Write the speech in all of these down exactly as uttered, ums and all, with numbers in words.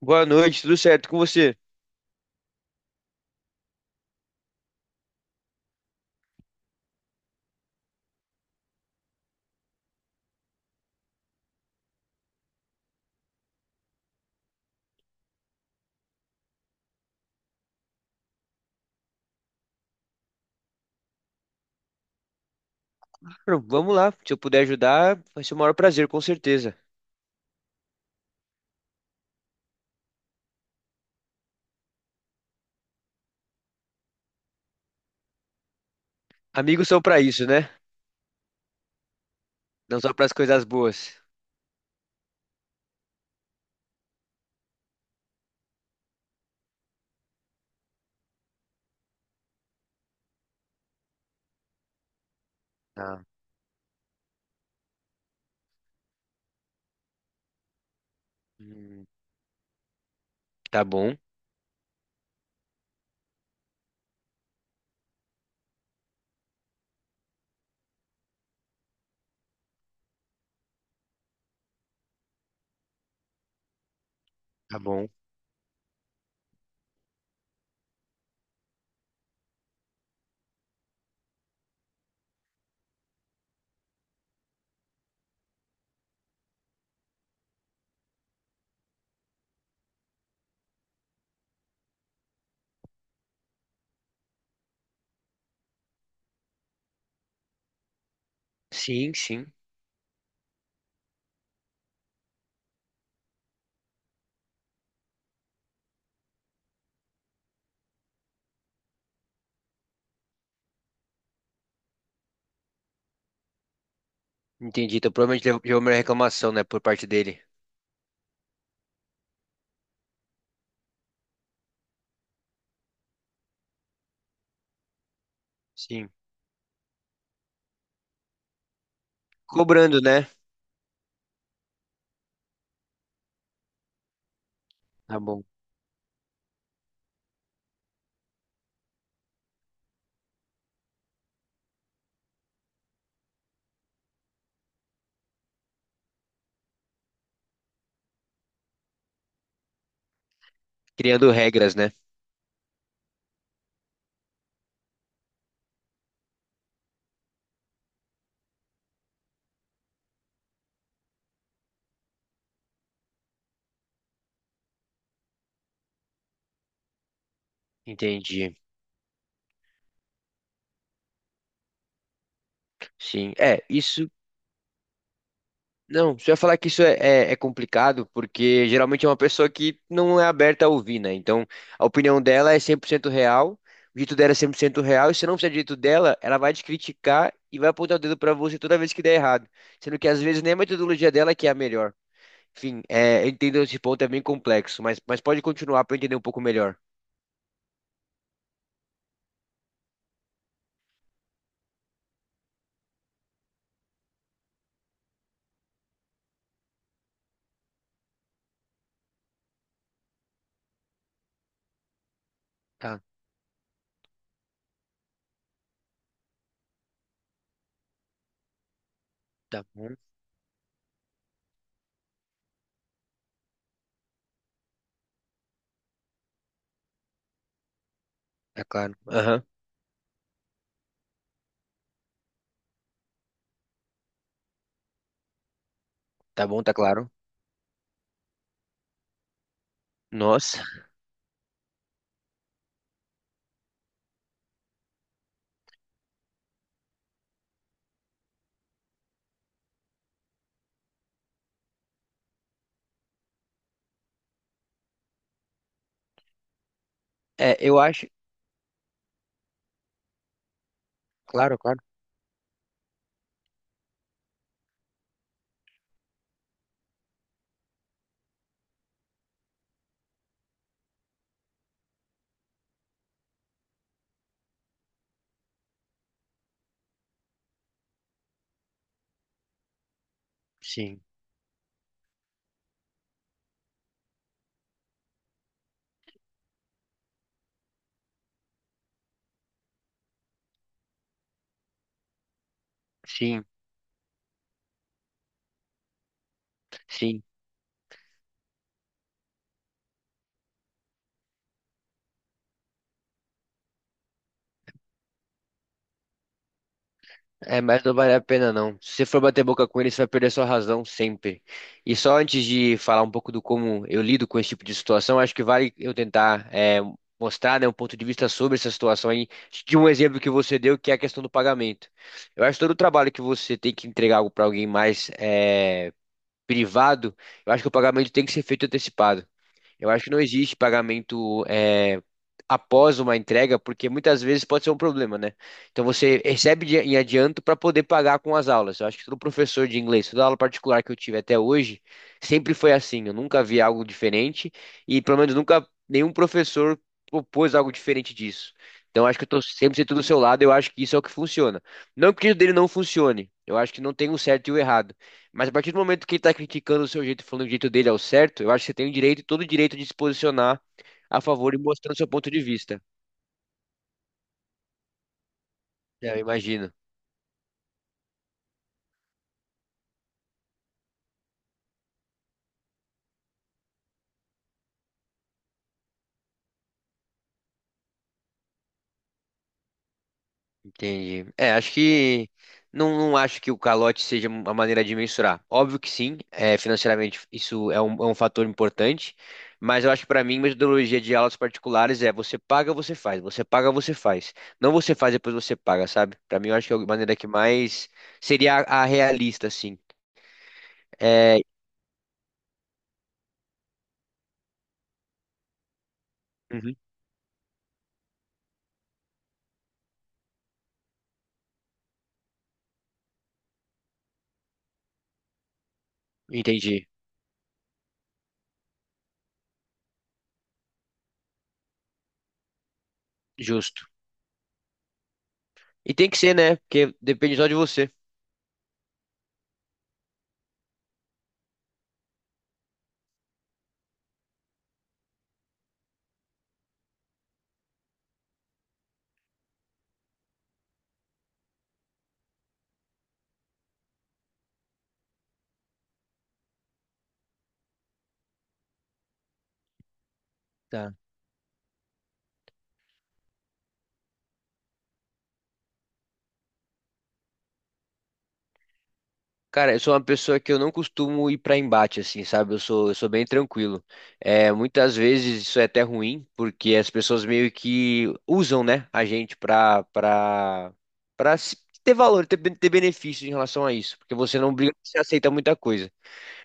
Boa noite, tudo certo com você? Claro, vamos lá, se eu puder ajudar, vai ser o maior prazer, com certeza. Amigos são pra isso, né? Não só pras coisas boas. Tá. Hum, tá bom, tá bom. Sim, sim. Entendi. Então provavelmente levou levou minha reclamação, né, por parte dele. Sim. Cobrando, né? Tá bom. Criando regras, né? Entendi. Sim. É, isso. Não, você ia falar que isso é, é- é complicado, porque geralmente é uma pessoa que não é aberta a ouvir, né? Então, a opinião dela é cem por cento real, o jeito dela é cem por cento real, e se não fizer do jeito dela, ela vai te criticar e vai apontar o dedo pra você toda vez que der errado. Sendo que às vezes nem a metodologia dela que é a melhor. Enfim, é, eu entendo esse ponto, é bem complexo, mas, mas pode continuar pra eu entender um pouco melhor. Tá, tá bom, tá claro. Aham, tá bom, tá claro. Nossa, é, eu acho. Claro, claro. Sim, sim, sim. É, mas não vale a pena não. Se você for bater boca com ele, você vai perder sua razão sempre. E só antes de falar um pouco do como eu lido com esse tipo de situação, acho que vale eu tentar é, mostrar, né, um ponto de vista sobre essa situação aí, de um exemplo que você deu, que é a questão do pagamento. Eu acho que todo o trabalho que você tem que entregar algo para alguém mais é, privado, eu acho que o pagamento tem que ser feito antecipado. Eu acho que não existe pagamento é, após uma entrega, porque muitas vezes pode ser um problema, né? Então você recebe de- em adianto para poder pagar com as aulas. Eu acho que todo professor de inglês, toda aula particular que eu tive até hoje, sempre foi assim. Eu nunca vi algo diferente e pelo menos nunca nenhum professor propôs algo diferente disso. Então acho que eu estou sempre sendo do seu lado. Eu acho que isso é o que funciona. Não que o dele não funcione. Eu acho que não tem um certo e o errado. Mas a partir do momento que ele tá criticando o seu jeito, falando que o jeito dele é o certo, eu acho que você tem o direito, todo o direito de se posicionar a favor e mostrando seu ponto de vista. É, eu imagino. Entendi. É, acho que não, não acho que o calote seja uma maneira de mensurar. Óbvio que sim, é, financeiramente isso é um, é um fator importante, mas eu acho que para mim, metodologia de aulas particulares é você paga, você faz, você paga, você faz. Não você faz, depois você paga, sabe? Para mim, eu acho que é a maneira que mais seria a, a realista, assim. É, uhum, entendi. Justo. E tem que ser, né? Porque depende só de você. Tá. Cara, eu sou uma pessoa que eu não costumo ir pra embate, assim, sabe? Eu sou, eu sou bem tranquilo. É, muitas vezes isso é até ruim, porque as pessoas meio que usam, né, a gente pra, pra, pra se- ter valor, ter, ben- ter benefício em relação a isso. Porque você não briga, você aceita muita coisa.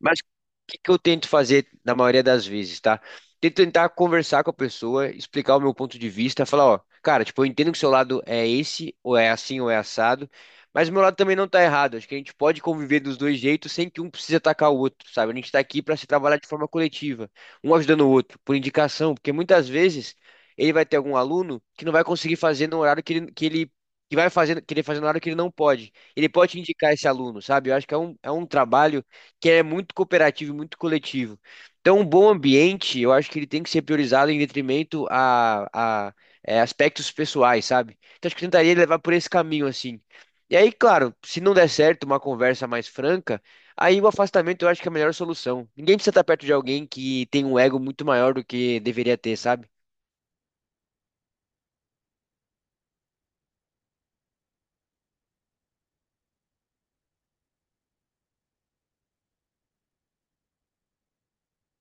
Mas o que que eu tento fazer na maioria das vezes, tá? Tento tentar conversar com a pessoa, explicar o meu ponto de vista, falar, ó, cara, tipo, eu entendo que o seu lado é esse, ou é assim, ou é assado, mas o meu lado também não tá errado. Acho que a gente pode conviver dos dois jeitos sem que um precise atacar o outro, sabe? A gente tá aqui pra se trabalhar de forma coletiva, um ajudando o outro, por indicação, porque muitas vezes ele vai ter algum aluno que não vai conseguir fazer no horário que ele, que ele que vai fazer, querer fazer no horário que ele não pode. Ele pode indicar esse aluno, sabe? Eu acho que é um, é um trabalho que é muito cooperativo, e muito coletivo. Então, um bom ambiente, eu acho que ele tem que ser priorizado em detrimento a, a é, aspectos pessoais, sabe? Então, acho que eu tentaria levar por esse caminho, assim. E aí, claro, se não der certo uma conversa mais franca, aí o afastamento eu acho que é a melhor solução. Ninguém precisa estar perto de alguém que tem um ego muito maior do que deveria ter, sabe?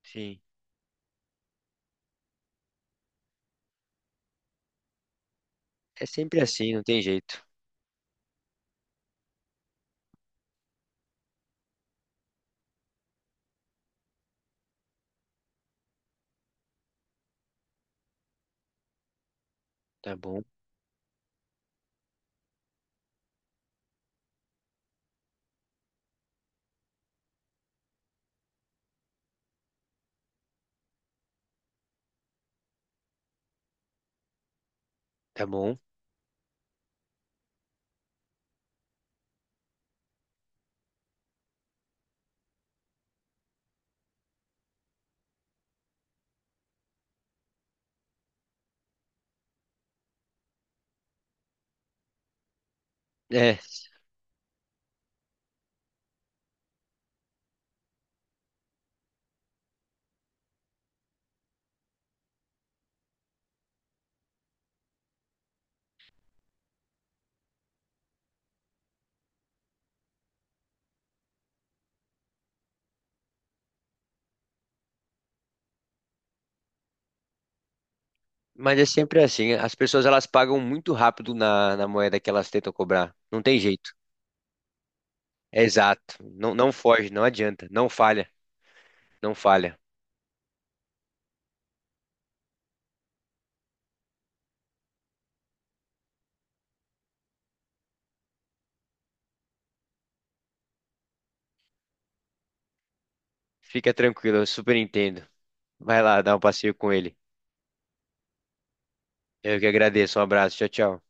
Sim. É sempre assim, não tem jeito. Tá bom, tá bom. É. Mas é sempre assim. As pessoas elas pagam muito rápido na, na moeda que elas tentam cobrar. Não tem jeito. É exato. Não, não foge, não adianta. Não falha, não falha. Fica tranquilo, eu super entendo. Vai lá, dá um passeio com ele. Eu que agradeço. Um abraço. Tchau, tchau.